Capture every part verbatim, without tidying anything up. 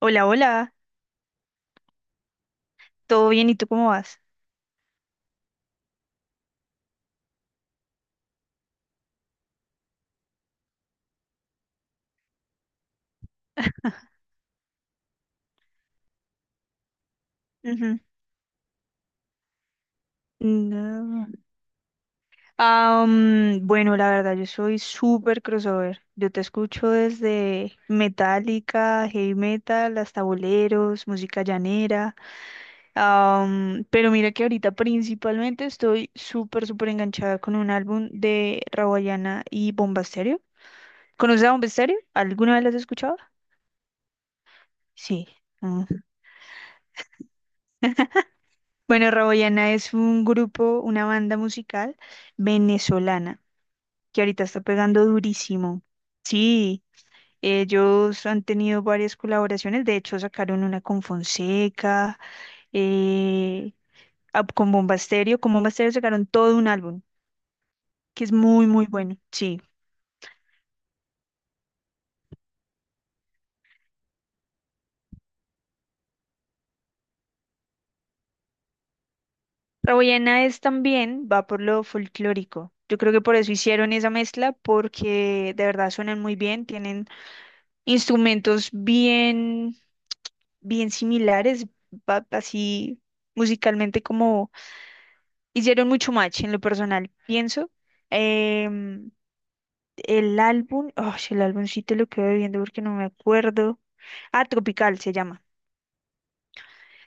Hola, hola, ¿todo bien? ¿Y tú cómo vas? Ujú. No. Ah, mm, bueno, la verdad, yo soy súper crossover. Yo te escucho desde Metallica, heavy metal, hasta boleros, música llanera. Ah, mm, pero mira que ahorita principalmente estoy súper, súper enganchada con un álbum de Rawayana y Bomba Estéreo. ¿Conoces a Bomba Estéreo? ¿Alguna vez las has escuchado? Sí. Mm. Bueno, Rawayana es un grupo, una banda musical venezolana que ahorita está pegando durísimo. Sí, ellos han tenido varias colaboraciones, de hecho sacaron una con Fonseca, eh, ah, con Bomba Estéreo, con Bomba Estéreo sacaron todo un álbum, que es muy, muy bueno, sí. Raboyena es también, va por lo folclórico. Yo creo que por eso hicieron esa mezcla, porque de verdad suenan muy bien, tienen instrumentos bien, bien similares, va- así musicalmente como hicieron mucho match en lo personal, pienso. Em, el álbum, oh, el álbum sí te lo quedo viendo porque no me acuerdo. Ah, Tropical se llama.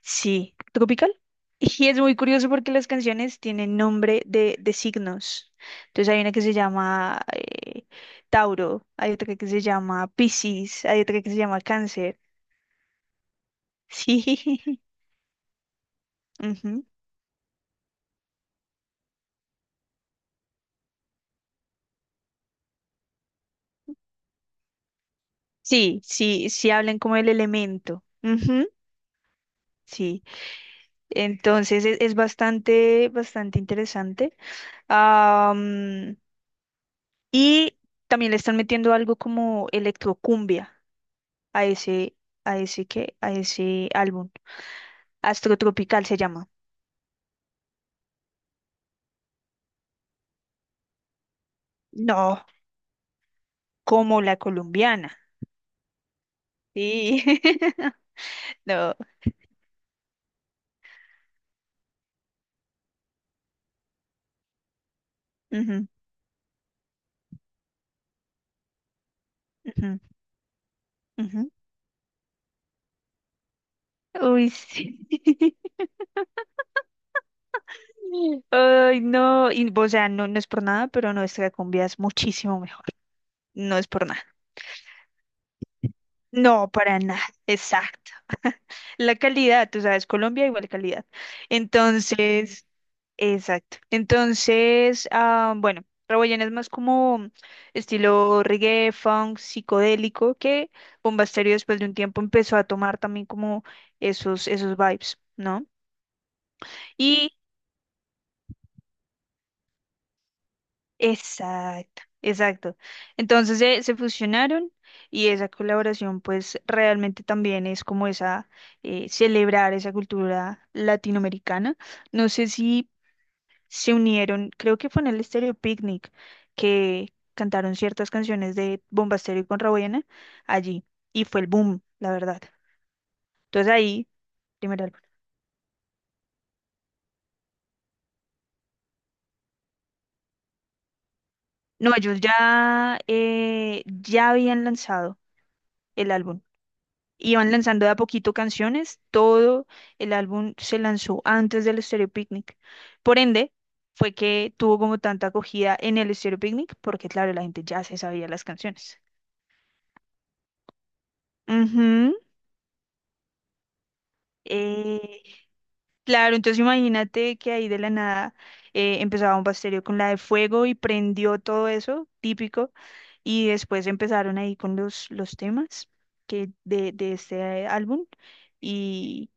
Sí, Tropical. Y es muy curioso porque las canciones tienen nombre de, de signos. Entonces hay una que se llama eh, Tauro, hay otra que se llama Piscis, hay otra que se llama Cáncer. Sí, ujú. Sí, sí, sí hablan como el elemento. Sí. Entonces es, es bastante, bastante interesante. Am, y también le están metiendo algo como electrocumbia a ese, a ese qué, a ese álbum. Astro Tropical se llama. No, como la colombiana. Sí. No. Ujú, ujú, ujú. Uy, sí. Ay, no. Y, o sea, no, no es por nada, pero nuestra cumbia es muchísimo mejor. No es por nada. No, para nada, exacto. La calidad, tú sabes, Colombia igual calidad. Entonces, exacto. Entonces, ah, bueno, Rawayana es más como estilo reggae, funk, psicodélico, que Bomba Estéreo después de un tiempo empezó a tomar también como esos, esos vibes, ¿no? Y Exacto, exacto. Entonces eh, se fusionaron y esa colaboración pues realmente también es como esa, eh, celebrar esa cultura latinoamericana. No sé si se unieron, creo que fue en el Estéreo Picnic que cantaron ciertas canciones de Bomba Bombasterio y Contrabuena allí y fue el boom, la verdad. Entonces ahí, primer álbum. No, ellos ya, eh, ya habían lanzado el álbum. Iban lanzando de a poquito canciones, todo el álbum se lanzó antes del Stereo Picnic. Por ende, fue que tuvo como tanta acogida en el Stereo Picnic, porque claro, la gente ya se sabía las canciones. Ujú. Eh, claro, entonces imagínate que ahí de la nada eh, empezaba un pastelio con la de fuego y prendió todo eso, típico, y después empezaron ahí con los, los temas que de, de este eh, álbum. Y,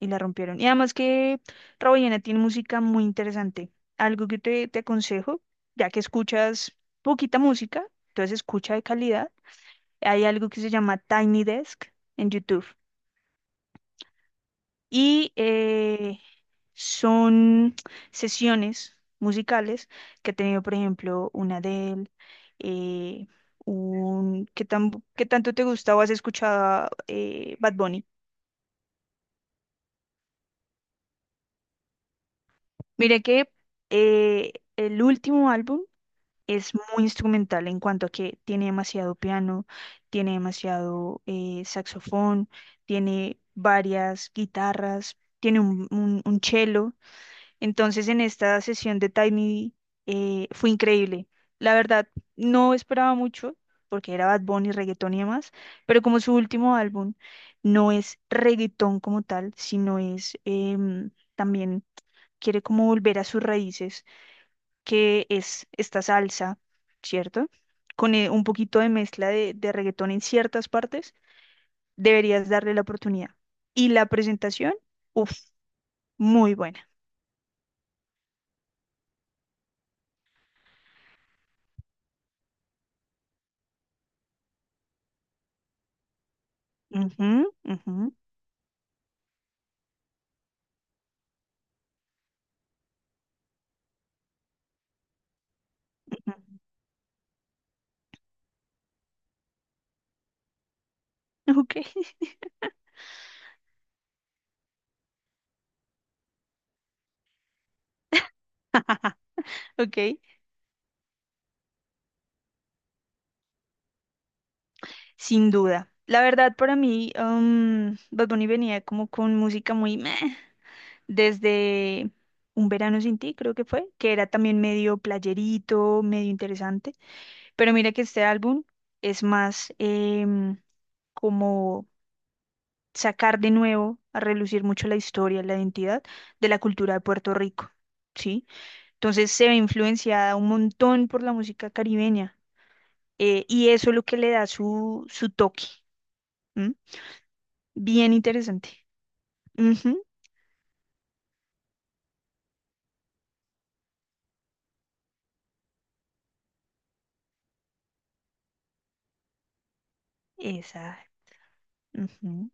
y la rompieron. Y además que Rawayana tiene música muy interesante. Algo que te, te aconsejo, ya que escuchas poquita música, entonces escucha de calidad. Hay algo que se llama Tiny Desk en YouTube. Y eh, son sesiones musicales que ha tenido, por ejemplo, una Adele, eh, un... ¿Qué tan, qué tanto te gusta o has escuchado eh, Bad Bunny? Mire que eh, el último álbum es muy instrumental en cuanto a que tiene demasiado piano, tiene demasiado eh, saxofón, tiene varias guitarras, tiene un, un, un cello. Entonces en esta sesión de Tiny eh, fue increíble. La verdad, no esperaba mucho porque era Bad Bunny, reggaetón y demás, pero como su último álbum no es reggaetón como tal, sino es em, también quiere como volver a sus raíces que es esta salsa, ¿cierto? Con eh, un poquito de mezcla de, de reggaetón en ciertas partes, deberías darle la oportunidad. Y la presentación, uff, muy buena. Ujú, ujú, ujú. Ok, ok, sin duda. La verdad, para mí, um, Bad Bunny venía como con música muy meh, desde Un Verano Sin Ti, creo que fue, que era también medio playerito, medio interesante. Pero mira que este álbum es más em, como sacar de nuevo a relucir mucho la historia, la identidad de la cultura de Puerto Rico, ¿sí? Entonces se ve influenciada un montón por la música caribeña eh, y eso es lo que le da su, su toque. ¿M? Bien interesante. Ujú, esa. Ujú.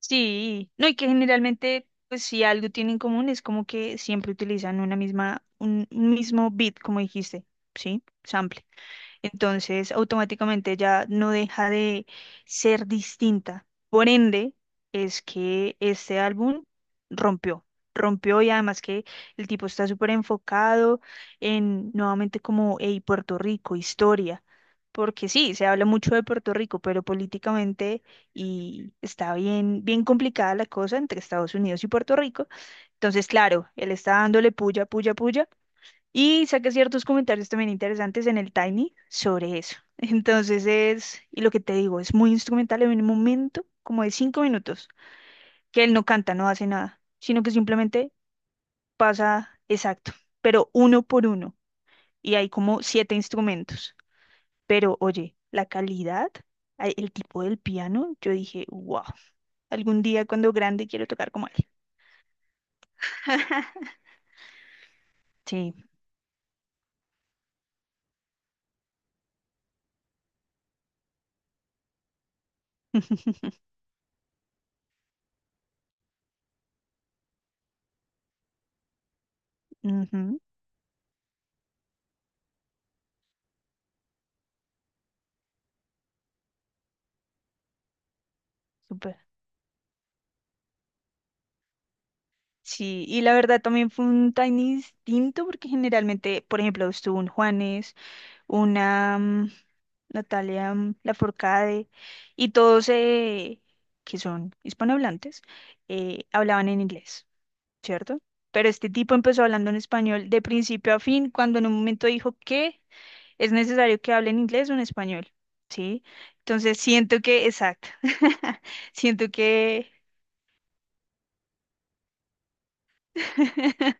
Sí, no, y que generalmente, pues si algo tienen en común es como que siempre utilizan una misma, un un mismo beat, como dijiste, ¿sí? Sample. Entonces, automáticamente ya no deja de ser distinta. Por ende, es que este álbum rompió, rompió y además que el tipo está súper enfocado en nuevamente como, hey, Puerto Rico, historia. Porque sí, se habla mucho de Puerto Rico, pero políticamente y está bien, bien complicada la cosa entre Estados Unidos y Puerto Rico. Entonces, claro, él está dándole puya, puya, puya y saqué ciertos comentarios también interesantes en el Tiny sobre eso. Entonces es, y lo que te digo, es muy instrumental en un momento como de cinco minutos, que él no canta, no hace nada, sino que simplemente pasa exacto, pero uno por uno. Y hay como siete instrumentos. Pero oye, la calidad, a- el tipo del piano, yo dije, wow, algún día cuando grande quiero tocar como él. Sí. Ujú, súper. Sí, y la verdad también fue un tiny distinto porque generalmente, por ejemplo, estuvo un Juanes, una mm, Natalia mm, Lafourcade y todos eh, que son hispanohablantes eh, hablaban en inglés, ¿cierto? Pero este tipo empezó hablando en español de principio a fin cuando en un momento dijo que es necesario que hable en inglés o en español, ¿sí? Entonces siento que, exacto, siento que,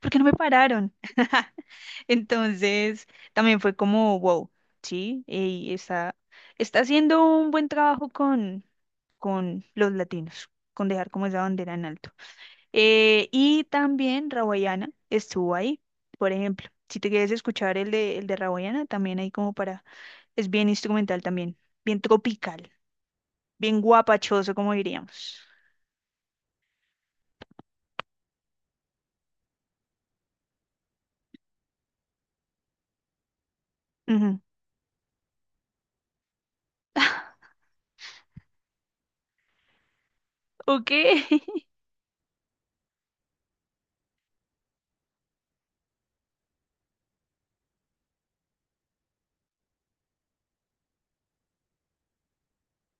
¿por qué no me pararon? Entonces, también fue como, wow, sí, y está, está haciendo un buen trabajo con, con los latinos, con dejar como esa bandera en alto. Eh, y también Rawayana estuvo ahí, por ejemplo. Si te quieres escuchar el de, el de Rawayana, también hay como para, es bien instrumental también, bien tropical, bien guapachoso, como diríamos. Ujú. Ok.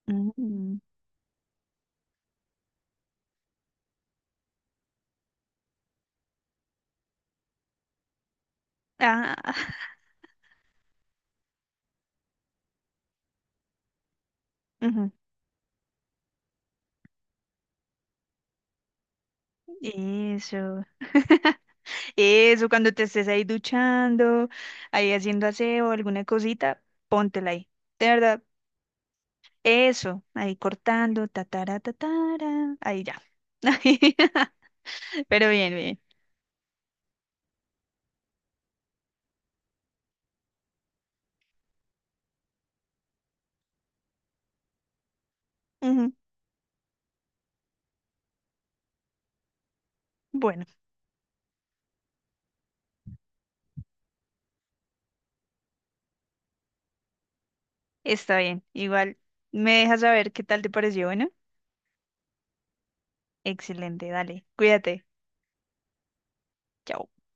Ujú. Ah, ujú. Eso. Eso, cuando te estés ahí duchando, ahí haciendo aseo, alguna cosita, póntela ahí. De verdad, eso, ahí cortando, tatara, tatara, ahí ya. Ahí, pero bien, bien. Ujú, bueno, está bien. Igual me dejas saber qué tal te pareció. Bueno, excelente, dale, cuídate. Chao.